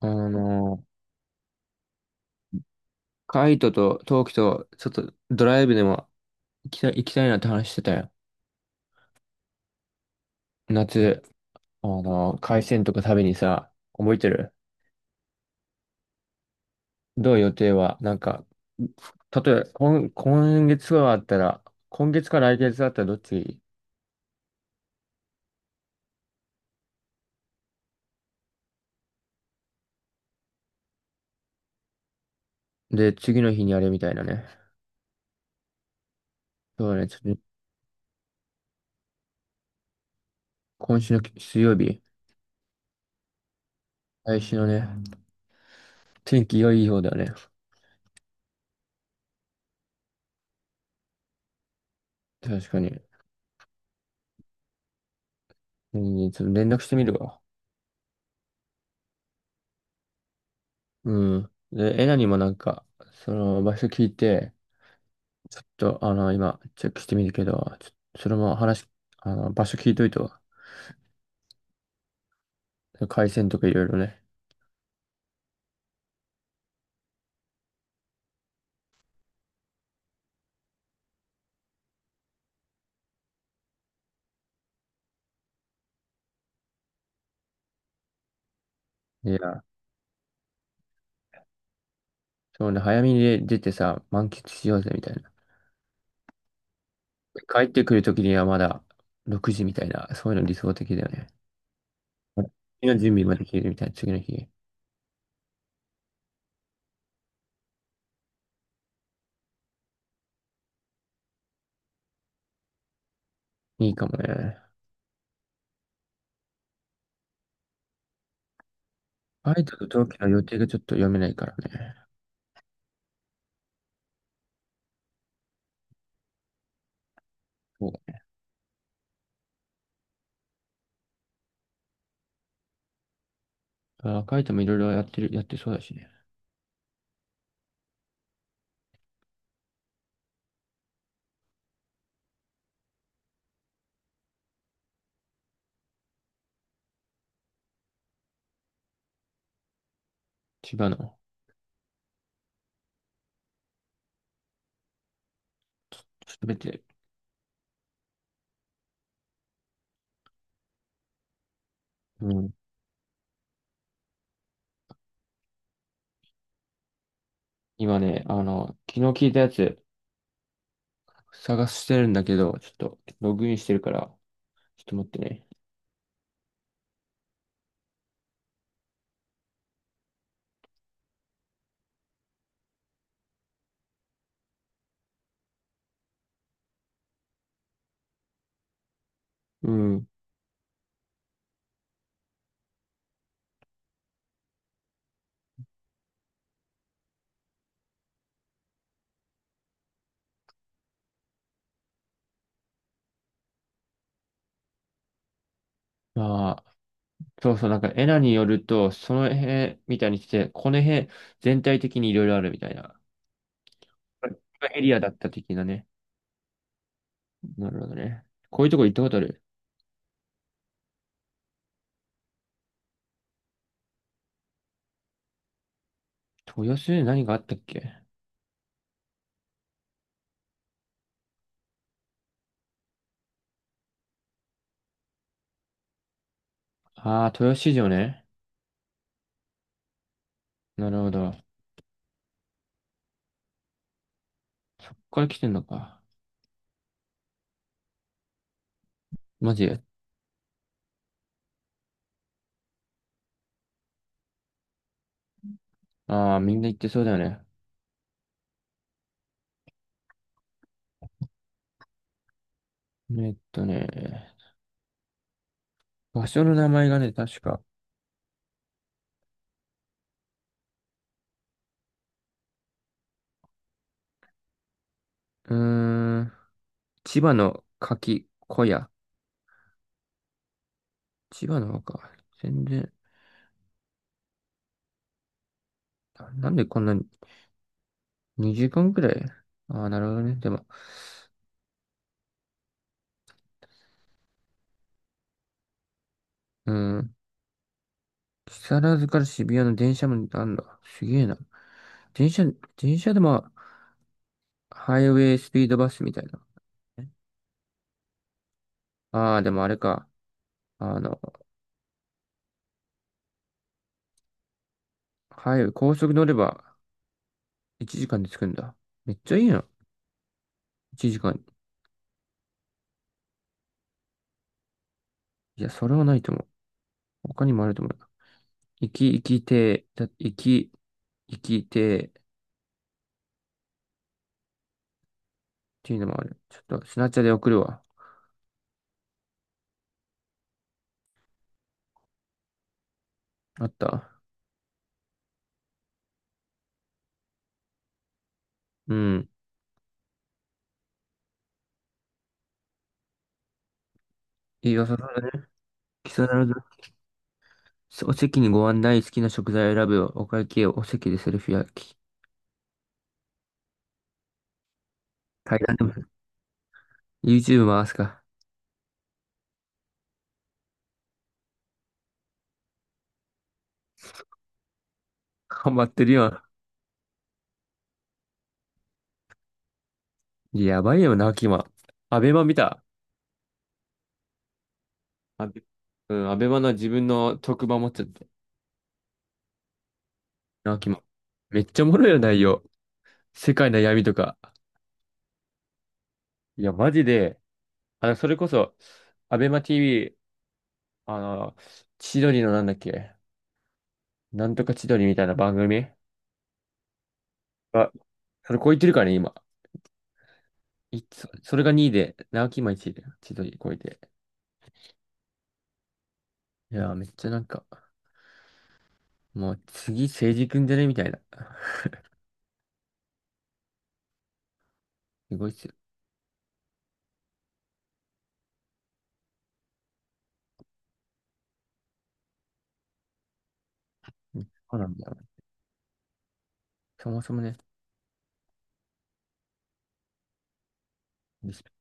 あの、カイトとトウキと、ちょっとドライブでも行きたいなって話してたよ。夏、海鮮とか食べにさ、覚えてる？どう？予定はなんか、例えば、今、今月はあったら、今月か来月だったらどっち？で、次の日にあれみたいなね。そうね、ちょっと、今週の水曜日、来週のね、天気良い方だよね。確かに。うん、ちょっと連絡してみるわ。うん。で、エナにもなんか、その場所聞いて、ちょっと、今、チェックしてみるけど、ちょっとそれも話、場所聞いといてわ、回線とかいろいろね。いや、そうね、早めに出てさ、満喫しようぜ、みたいな。帰ってくるときにはまだ6時みたいな、そういうの理想的だよね。次の準備までできるみたいな、次の日。いいかもね。カイトと同期の予定がちょっと読めないからね。そう。あ、カイトもいろいろやってそうだしね。千葉の、すべて。うん。今ね、昨日聞いたやつ、探してるんだけど、ちょっとログインしてるから、ちょっと待ってね。うん。まあ、そうそう、なんかエナによると、その辺みたいにして、この辺全体的にいろいろあるみたいな。エリアだった的なね。なるほどね。こういうとこ行ったことある？豊洲に何があったっけ？ああー、豊洲市場ね。なるほど。そっから来てんのか。マジ？ああー、みんな行ってそうだよね。えっとね、場所の名前がね、確か。うーん、千葉の柿小屋、千葉の方か。全然、んでこんなに2時間くらい？ああー、なるほどね。でも、うん。木更津から渋谷の電車もあんだ。すげえな。電車、電車でも、ハイウェイスピードバスみたいな。ああ、でもあれか。あの、ハイウェイ、高速乗れば1時間で着くんだ。めっちゃいいな。1時間。いや、それはないと思う。他にもあると思う。行き、行きて、だ、行き、行きて、っていうのもある。ちょっと、スナチャで送るわ。あった。うん。いいよ、そそられね。貴様など、お席にご案内、好きな食材を選ぶよ。お会計をお席でセルフ焼き。階段でも、YouTube 回すか。頑張ってるよ。やばいよな、キマ。アベマ見た。アベ、うん、アベマの自分の特番持っちゃって。な、キマ。めっちゃおもろいよ、内容。世界の闇とか。いや、マジで、それこそ、アベマ TV、あの、千鳥のなんだっけ、なんとか千鳥みたいな番組。あ、それ超えてるからね、今。いつ、それが2位で、直木今1位で、千鳥超えて。いやー、めっちゃなんか、もう次、政治くんじゃねみたいな。すごいっすよ。そうなんだよね。そもそもね。リスペ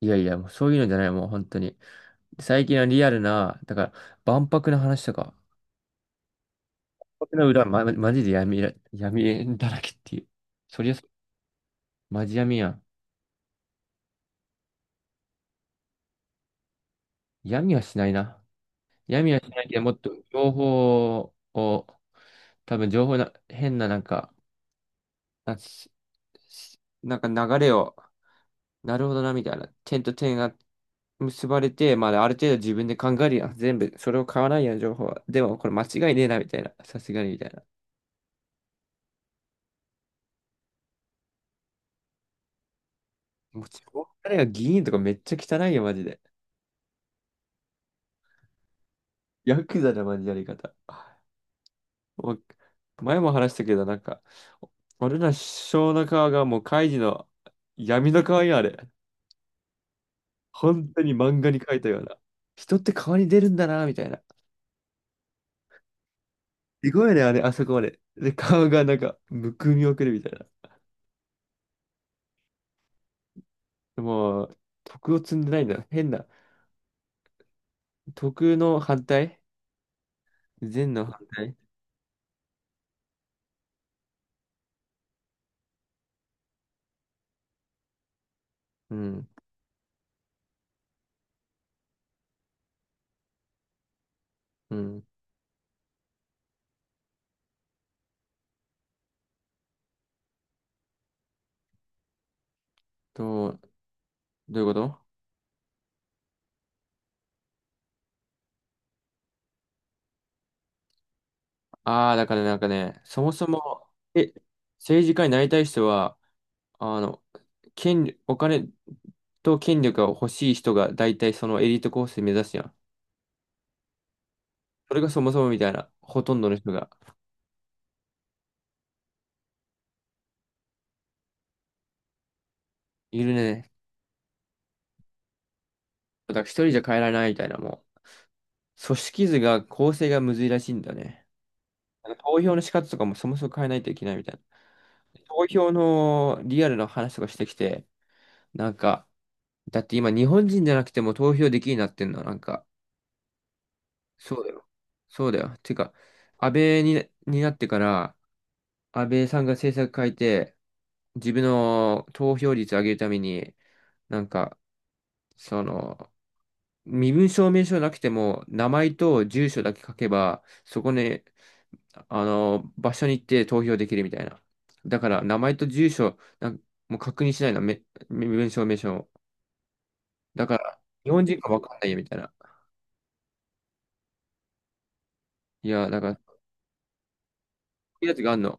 いやいや、もうそういうのじゃない、もう本当に。最近はリアルな、だから、万博の話とか、万博の裏、ま、マジで闇だらけっていう。そりゃそう、マジ闇やん。闇はしないな。闇はしないけど、もっと情報を、多分情報な、変ななんか、なんかなんか流れを、なるほどな、みたいな。点と点が結ばれて、まあ、ある程度自分で考えるやん。全部、それを買わないやん、情報は。でも、これ間違いねえな、みたいな。さすがに、みたいな。もう、ちょ彼が議員とかめっちゃ汚いよ、マジで。ヤクザだ、マジでやり方。もう前も話したけど、なんか、俺ら首相の顔がもう、カイジの闇の顔よ、あれ。本当に漫画に描いたような。人って顔に出るんだな、みたいな。すごいね、あれ、あそこまで。で、顔がなんか、むくみをくるみたいな。でもう、徳を積んでないんだ。変な。徳の反対、善の反対、うん。うん。と、どういうこと？ああー、だからねなんかね、そもそも、え、政治家になりたい人は、あの、権、お金と権力が欲しい人が大体そのエリートコースで目指すやん。それがそもそもみたいな、ほとんどの人がいるね。だから一人じゃ変えられないみたいな、もう。組織図が構成がむずいらしいんだよね。なんか投票の仕方とかもそもそも変えないといけないみたいな。投票のリアルな話とかしてきて、なんか、だって今日本人じゃなくても投票できるようになってんの、なんか、そうだよ。そうだよ。てか、安倍に、になってから、安倍さんが政策変えて、自分の投票率上げるために、なんか、その、身分証明書なくても、名前と住所だけ書けば、そこに場所に行って投票できるみたいな。だから、名前と住所、なんもう確認しないの、め、め名称、名称。だから、日本人かわかんないよみたいな。いや、だから、こういうやつがあるの。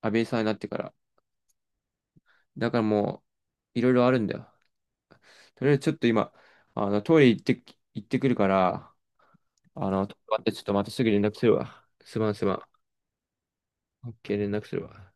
安倍さんになってから。だからもう、いろいろあるんだよ。とりあえずちょっと今、トイレ行ってくるから、待って、ちょっとまたすぐ連絡するわ。すまんすまん。OK、連絡するわ。